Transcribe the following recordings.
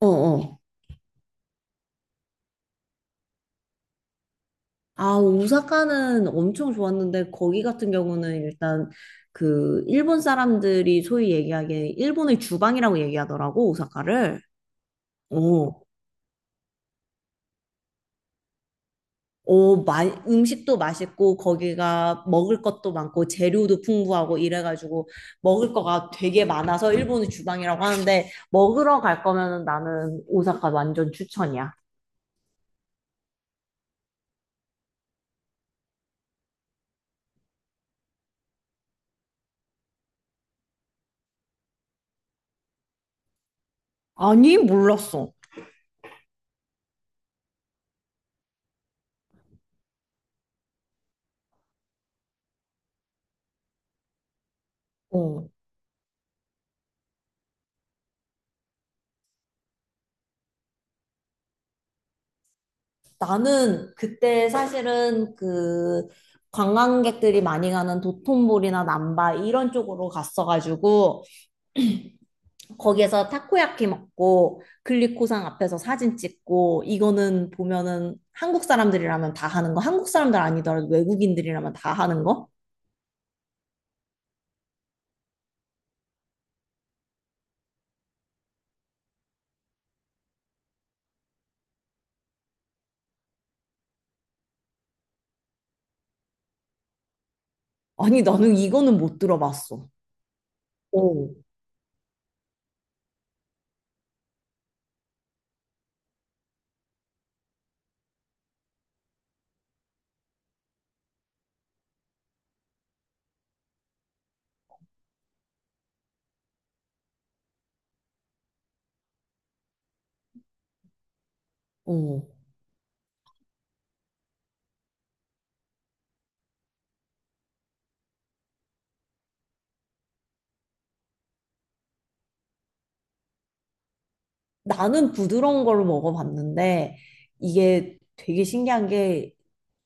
어, 어. 아, 오사카는 엄청 좋았는데, 거기 같은 경우는 일단 그 일본 사람들이 소위 얘기하기에 일본의 주방이라고 얘기하더라고, 오사카를. 어, 어, 마, 음식도 맛있고, 거기가 먹을 것도 많고, 재료도 풍부하고, 이래가지고, 먹을 거가 되게 많아서 일본의 주방이라고 하는데, 먹으러 갈 거면 나는 오사카 완전 추천이야. 아니, 몰랐어. 어. 나는 그때 사실은 그 관광객들이 많이 가는 도톤보리나 남바 이런 쪽으로 갔어가지고 거기에서 타코야키 먹고 글리코상 앞에서 사진 찍고 이거는 보면은 한국 사람들이라면 다 하는 거, 한국 사람들 아니더라도 외국인들이라면 다 하는 거? 아니 나는 이거는 못 들어봤어. 오, 오. 나는 부드러운 걸 먹어봤는데 이게 되게 신기한 게,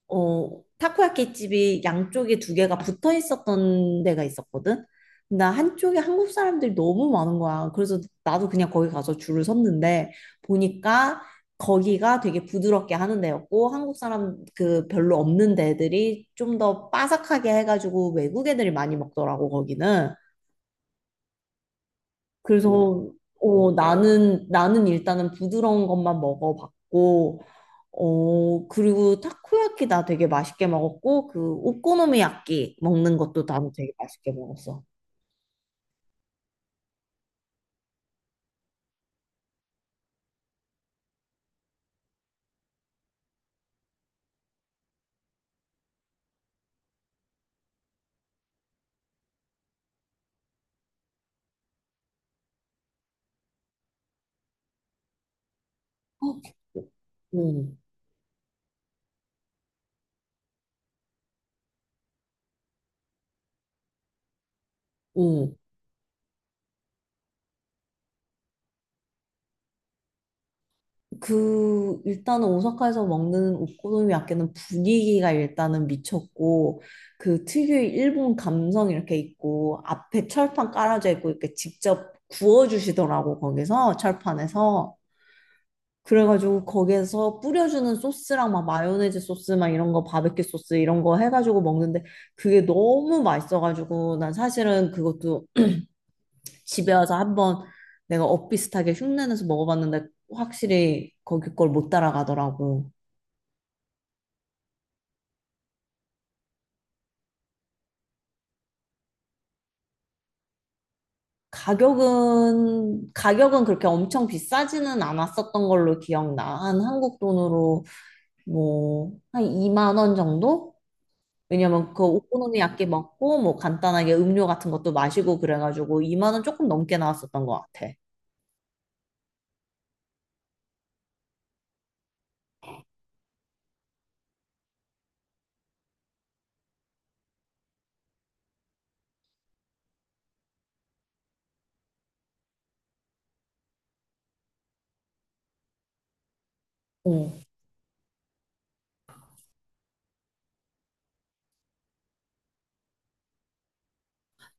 타코야키 집이 양쪽에 두 개가 붙어 있었던 데가 있었거든. 나 한쪽에 한국 사람들이 너무 많은 거야. 그래서 나도 그냥 거기 가서 줄을 섰는데 보니까 거기가 되게 부드럽게 하는 데였고 한국 사람 그 별로 없는 데들이 좀 더 바삭하게 해가지고 외국 애들이 많이 먹더라고, 거기는. 그래서 나는 일단은 부드러운 것만 먹어봤고, 그리고 타코야키 나 되게 맛있게 먹었고 그 오코노미야끼 먹는 것도 나도 되게 맛있게 먹었어. 어, 응, 응. 그 일단은 오사카에서 먹는 오코노미야끼는 분위기가 일단은 미쳤고 그 특유의 일본 감성 이렇게 있고 앞에 철판 깔아져 있고 이렇게 직접 구워주시더라고, 거기서 철판에서. 그래가지고 거기에서 뿌려주는 소스랑 막 마요네즈 소스 막 이런 거 바베큐 소스 이런 거 해가지고 먹는데 그게 너무 맛있어가지고 난 사실은 그것도 집에 와서 한번 내가 엇비슷하게 흉내내서 먹어봤는데 확실히 거기 걸 못 따라가더라고. 가격은 그렇게 엄청 비싸지는 않았었던 걸로 기억나. 한 한국 돈으로 뭐 한 2만 원 정도? 왜냐면 그 오코노미야끼 먹고 뭐 간단하게 음료 같은 것도 마시고 그래가지고 2만 원 조금 넘게 나왔었던 것 같아. 어.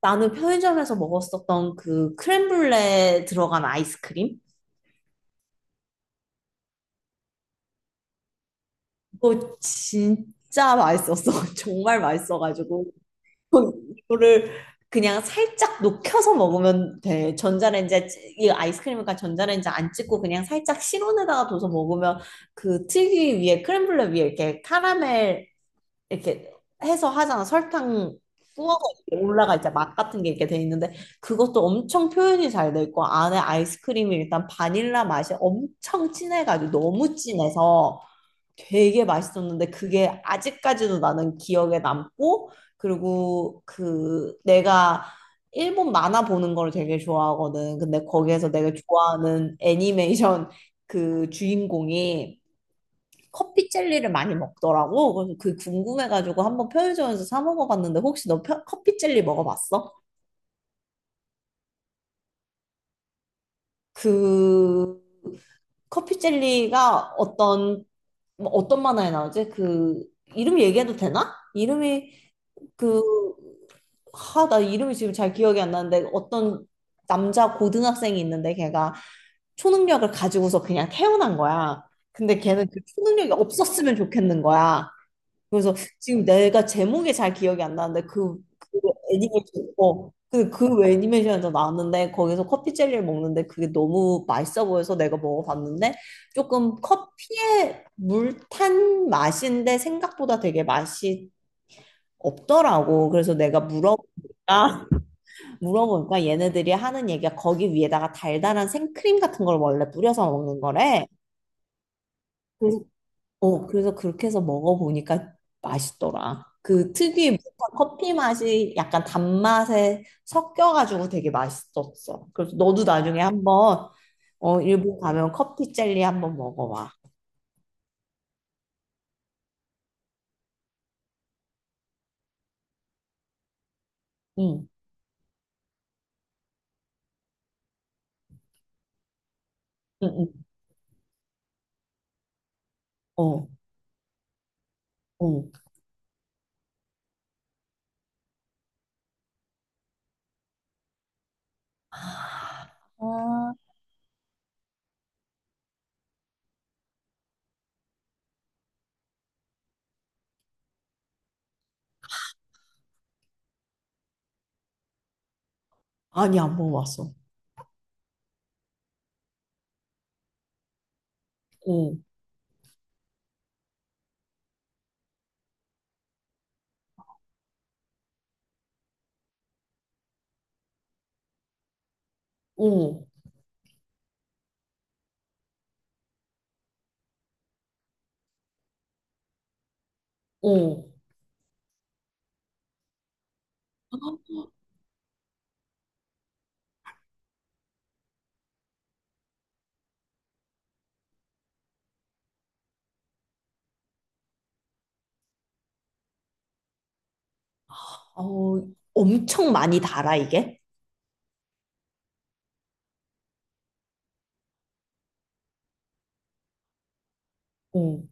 나는 편의점에서 먹었었던 그 크렘블레 들어간 아이스크림? 그거 진짜 맛있었어. 정말 맛있어가지고. 이거를 그냥 살짝 녹여서 먹으면 돼. 전자레인지에, 이 아이스크림이니까 전자레인지 안 찍고 그냥 살짝 실온에다가 둬서 먹으면 그 특이 위에, 크렘블레 위에 이렇게 카라멜 이렇게 해서 하잖아. 설탕 부워서 이렇게 올라가 이제 맛 같은 게 이렇게 돼 있는데 그것도 엄청 표현이 잘 돼 있고 안에 아이스크림이 일단 바닐라 맛이 엄청 진해가지고 너무 진해서 되게 맛있었는데 그게 아직까지도 나는 기억에 남고 그리고 그 내가 일본 만화 보는 걸 되게 좋아하거든. 근데 거기에서 내가 좋아하는 애니메이션 그 주인공이 커피 젤리를 많이 먹더라고. 그래서 그 궁금해가지고 한번 편의점에서 사 먹어봤는데 혹시 너 커피 젤리 먹어봤어? 그 커피 젤리가 어떤 뭐 어떤 만화에 나오지? 그 이름 얘기해도 되나? 이름이 그 하, 나 이름이 지금 잘 기억이 안 나는데 어떤 남자 고등학생이 있는데 걔가 초능력을 가지고서 그냥 태어난 거야. 근데 걔는 그 초능력이 없었으면 좋겠는 거야. 그래서 지금 내가 제목이 잘 기억이 안 나는데 그, 그 애니메이션, 어, 그, 그 애니메이션에서 나왔는데 거기서 커피 젤리를 먹는데 그게 너무 맛있어 보여서 내가 먹어봤는데 조금 커피에 물 탄 맛인데 생각보다 되게 맛이 없더라고. 그래서 내가 물어보니까, 물어보니까 얘네들이 하는 얘기가 거기 위에다가 달달한 생크림 같은 걸 원래 뿌려서 먹는 거래. 어, 그래서 그렇게 해서 먹어보니까 맛있더라. 그 특유의 묵한 커피 맛이 약간 단맛에 섞여가지고 되게 맛있었어. 그래서 너도 나중에 한번 일본 가면 커피 젤리 한번 먹어봐. 응, 응, 응, 어, 어. 아, 아니, 안 먹어봤어. 어, 어, 어. 어, 엄청 많이 달아, 이게. 어.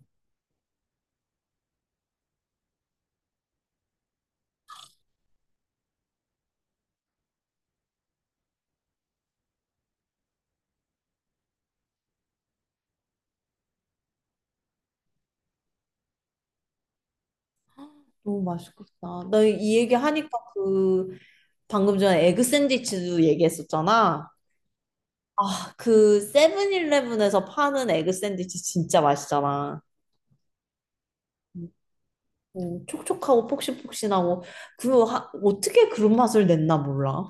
너무 맛있겠다. 나 이 얘기 하니까 그 방금 전에 에그 샌드위치도 얘기했었잖아. 아, 그 세븐일레븐에서 파는 에그 샌드위치 진짜 맛있잖아. 촉촉하고 폭신폭신하고 그 어떻게 그런 맛을 냈나 몰라.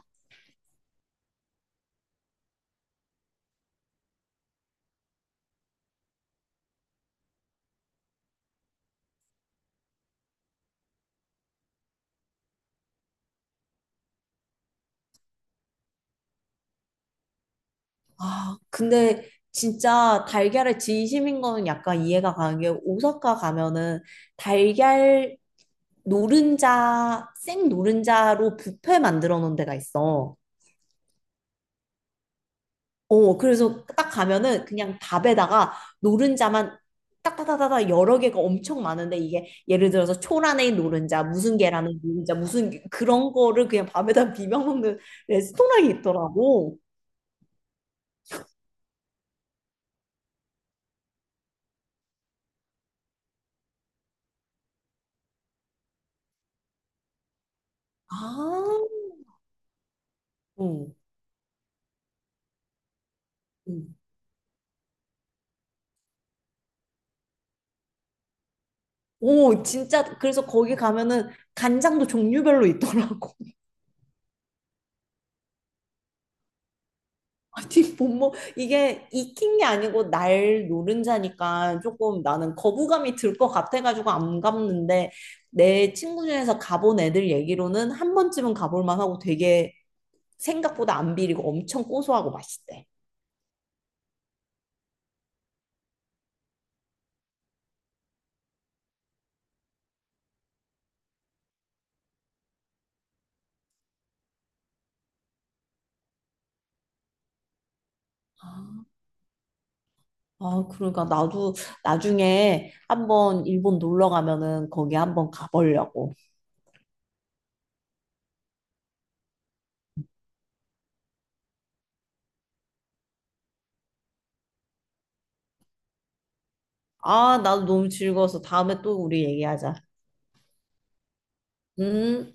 아, 근데 진짜 달걀의 진심인 거는 약간 이해가 가는 게 오사카 가면은 달걀 노른자, 생 노른자로 뷔페 만들어 놓은 데가 있어. 어, 그래서 딱 가면은 그냥 밥에다가 노른자만 딱딱딱딱 여러 개가 엄청 많은데 이게 예를 들어서 초라는 노른자, 무슨 계란은 노른자, 무슨 그런 거를 그냥 밥에다 비벼 먹는 레스토랑이 있더라고. 아, 응, 응. 오, 진짜 그래서 거기 가면은 간장도 종류별로 있더라고. 아니 뭐뭐 이게 익힌 게 아니고 날 노른자니까 조금 나는 거부감이 들 것 같아가지고 안 갔는데 내 친구 중에서 가본 애들 얘기로는 한 번쯤은 가볼 만하고 되게 생각보다 안 비리고 엄청 고소하고 맛있대. 아 그러니까 나도 나중에 한번 일본 놀러 가면은 거기 한번 가보려고. 아 나도 너무 즐거워서 다음에 또 우리 얘기하자. 음.